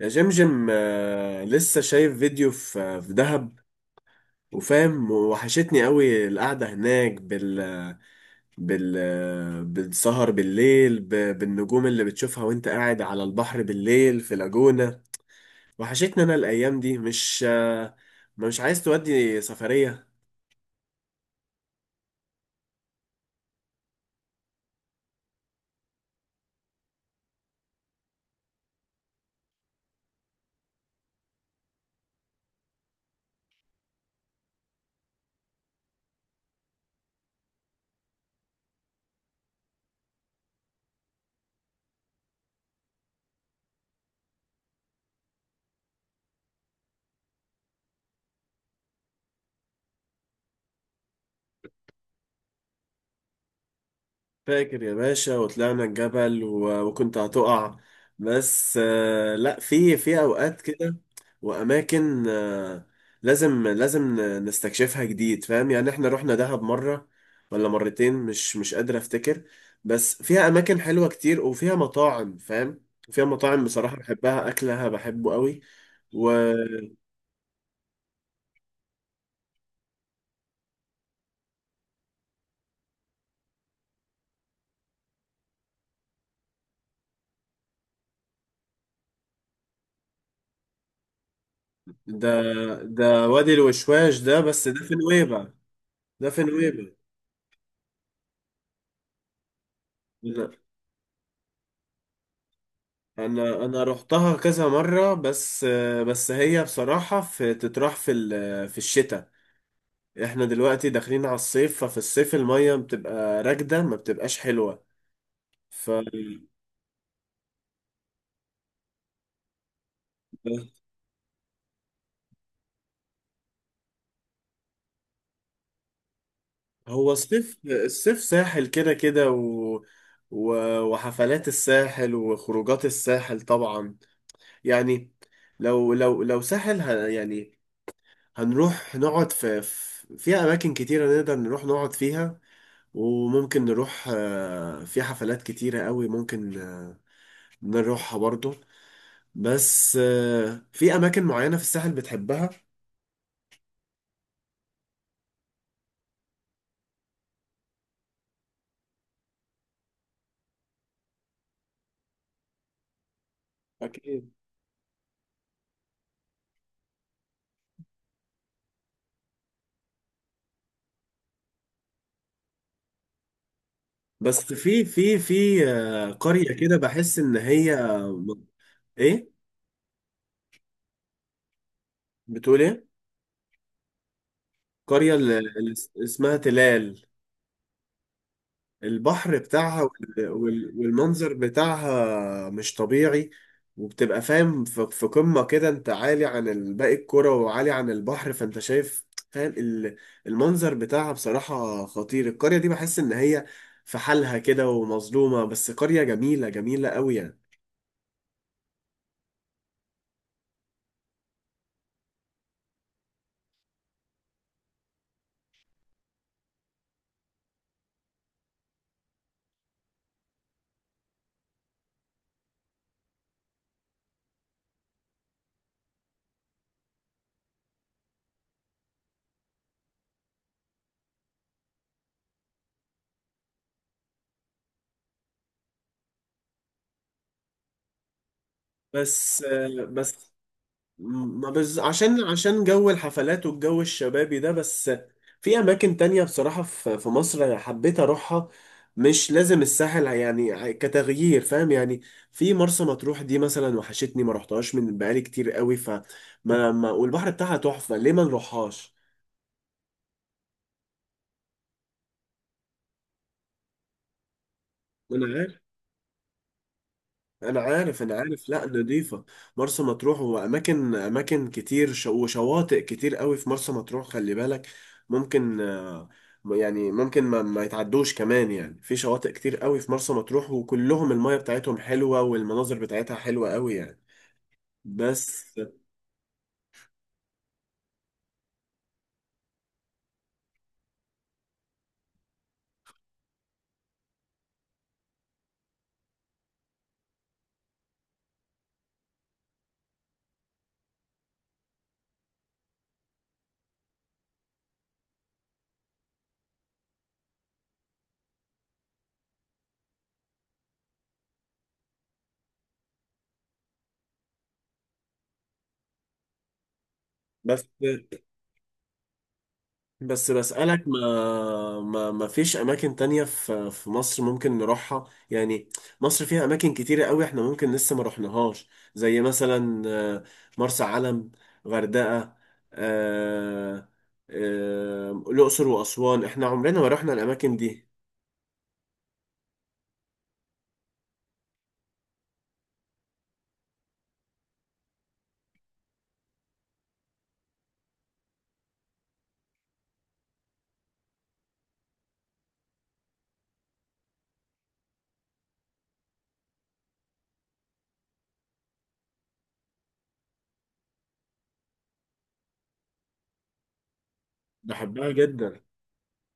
يا جمجم لسه شايف فيديو في دهب وفاهم، وحشتني قوي القعدة هناك بال بالسهر بالليل، بالنجوم اللي بتشوفها وانت قاعد على البحر بالليل في لاجونا. وحشتني انا الايام دي. مش عايز تودي سفرية؟ فاكر يا باشا وطلعنا الجبل وكنت هتقع. بس لا، في في اوقات كده واماكن لازم نستكشفها جديد، فاهم يعني؟ احنا رحنا دهب مرة ولا مرتين، مش قادر افتكر. بس فيها اماكن حلوة كتير وفيها مطاعم، فاهم؟ فيها مطاعم بصراحة بحبها، اكلها بحبه قوي. وده وادي الوشواش، ده بس ده في نويبع. ده في نويبع. انا رحتها كذا مره، بس بس هي بصراحه في تتراح في الشتاء. احنا دلوقتي داخلين على الصيف، ففي الصيف الميه بتبقى راكده ما بتبقاش حلوه. ف هو الصيف ساحل كده كده و... وحفلات الساحل وخروجات الساحل طبعا. يعني لو ساحل يعني هنروح نقعد في في اماكن كتيره نقدر نروح نقعد فيها، وممكن نروح في حفلات كتيرة قوي، ممكن نروحها برضو. بس في أماكن معينة في الساحل بتحبها؟ أكيد. بس في قرية كده بحس إن هي إيه، بتقول إيه؟ قرية، اللي اسمها تلال. البحر بتاعها والمنظر بتاعها مش طبيعي. وبتبقى، فاهم، في في قمة كده، انت عالي عن باقي الكرة وعالي عن البحر، فانت شايف، فاهم، المنظر بتاعها بصراحة خطير. القرية دي بحس ان هي في حالها كده ومظلومة، بس قرية جميلة، جميلة قوي يعني. بس، بس ما بز... عشان، عشان جو الحفلات والجو الشبابي ده بس. في اماكن تانية بصراحة في في مصر أنا حبيت اروحها، مش لازم الساحل يعني، كتغيير، فاهم يعني. في مرسى مطروح دي مثلا، وحشتني، ما رحتهاش من بقالي كتير قوي. ف ما ما والبحر بتاعها تحفة، ليه ما نروحهاش؟ انا عارف، انا عارف، انا عارف، لا نضيفه. مرسى مطروح، واماكن، اماكن كتير، وشواطئ كتير قوي في مرسى مطروح، خلي بالك. ممكن يعني ممكن ما يتعدوش كمان يعني، في شواطئ كتير قوي في مرسى مطروح وكلهم المية بتاعتهم حلوة والمناظر بتاعتها حلوة قوي يعني. بس، بس بس بسألك، ما فيش أماكن تانية في في مصر ممكن نروحها يعني؟ مصر فيها أماكن كتيرة قوي احنا ممكن لسه ما رحناهاش. زي مثلا مرسى علم، غردقة، آه، الأقصر وأسوان، احنا عمرنا ما رحنا الأماكن دي. بحبها جدا،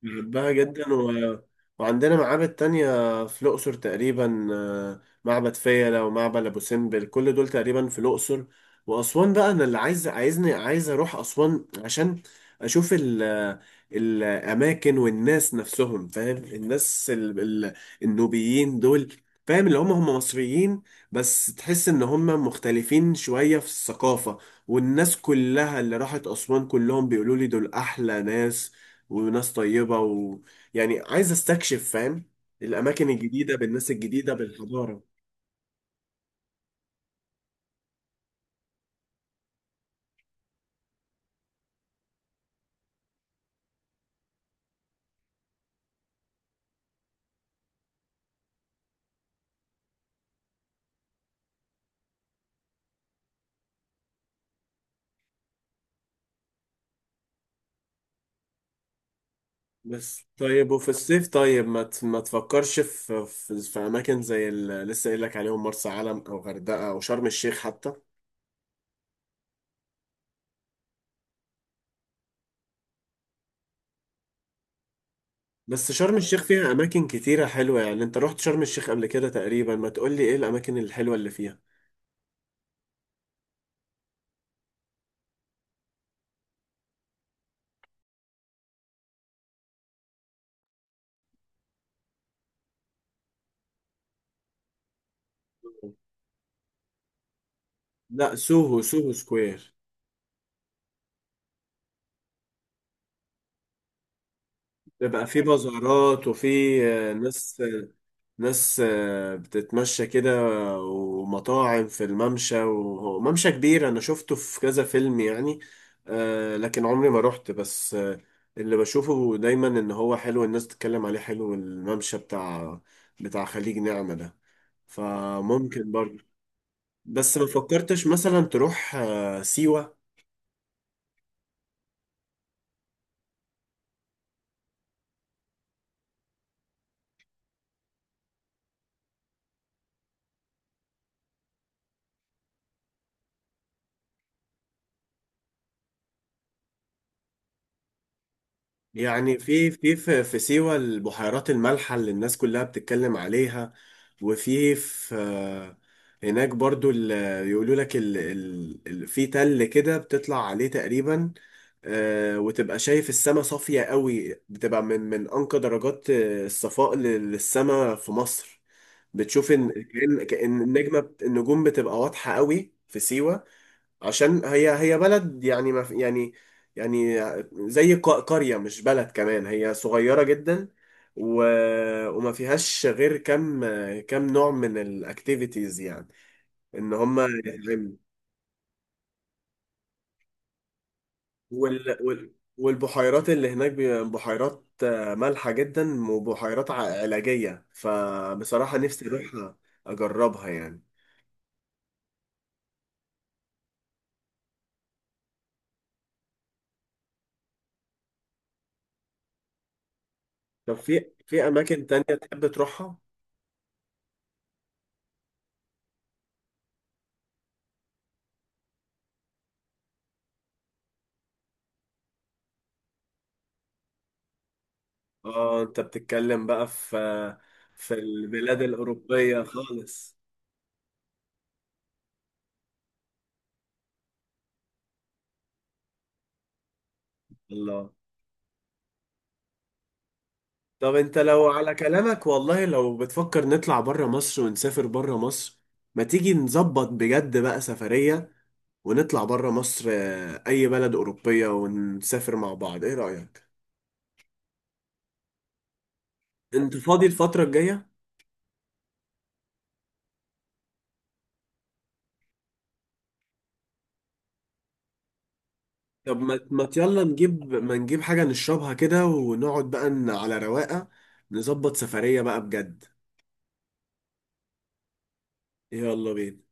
بحبها جدا وعندنا معابد تانية في الأقصر تقريبا، معبد فيلة ومعبد أبو سمبل، كل دول تقريبا في الأقصر وأسوان بقى. أنا اللي عايز، عايز أروح أسوان عشان أشوف الأماكن والناس نفسهم، فاهم، الناس ال... النوبيين دول، فاهم، اللي هم مصريين بس تحس إن هم مختلفين شوية في الثقافة. والناس كلها اللي راحت أسوان كلهم بيقولوا لي دول أحلى ناس، وناس طيبة، ويعني عايز استكشف، فاهم، الأماكن الجديدة بالناس الجديدة بالحضارة. بس طيب وفي الصيف، طيب ما تفكرش في أماكن زي اللي لسه قايل لك عليهم، مرسى علم أو غردقة أو شرم الشيخ حتى؟ بس شرم الشيخ فيها أماكن كتيرة حلوة يعني، أنت رحت شرم الشيخ قبل كده تقريبا، ما تقولي إيه الأماكن الحلوة اللي فيها؟ لا، سوهو، سوهو سكوير. بيبقى فيه بازارات، وفي ناس، ناس بتتمشى كده، ومطاعم في الممشى، وممشى كبير انا شفته في كذا فيلم يعني. لكن عمري ما روحت، بس اللي بشوفه دايما ان هو حلو، الناس تتكلم عليه حلو، الممشى بتاع خليج نعمة ده. فممكن برضه. بس ما فكرتش مثلا تروح سيوة؟ يعني في سيوة البحيرات المالحة اللي الناس كلها بتتكلم عليها. وفي في هناك برضو يقولوا لك في تل كده بتطلع عليه تقريبا، وتبقى شايف السما صافية قوي، بتبقى من من أنقى درجات الصفاء للسما في مصر. بتشوف إن كأن، كأن النجوم بتبقى واضحة قوي في سيوة. عشان هي، هي بلد يعني ما في- يعني، يعني زي قرية، مش بلد كمان، هي صغيرة جدا و... وما فيهاش غير كم، كم نوع من الاكتيفيتيز يعني ان هم يتعملوا. وال... وال... والبحيرات اللي هناك بحيرات مالحة جدا، وبحيرات علاجية، فبصراحة نفسي اروح اجربها يعني. طب في في اماكن تانية تحب تروحها؟ اه انت بتتكلم بقى في في البلاد الأوروبية خالص؟ الله. طب انت لو على كلامك والله، لو بتفكر نطلع بره مصر ونسافر بره مصر، ما تيجي نظبط بجد بقى سفرية ونطلع بره مصر، أي بلد أوروبية، ونسافر مع بعض، ايه رأيك؟ انت فاضي الفترة الجاية؟ طب ما ما يلا نجيب، ما نجيب حاجة نشربها كده ونقعد بقى على رواقة، نظبط سفرية بقى بجد. يلا بينا.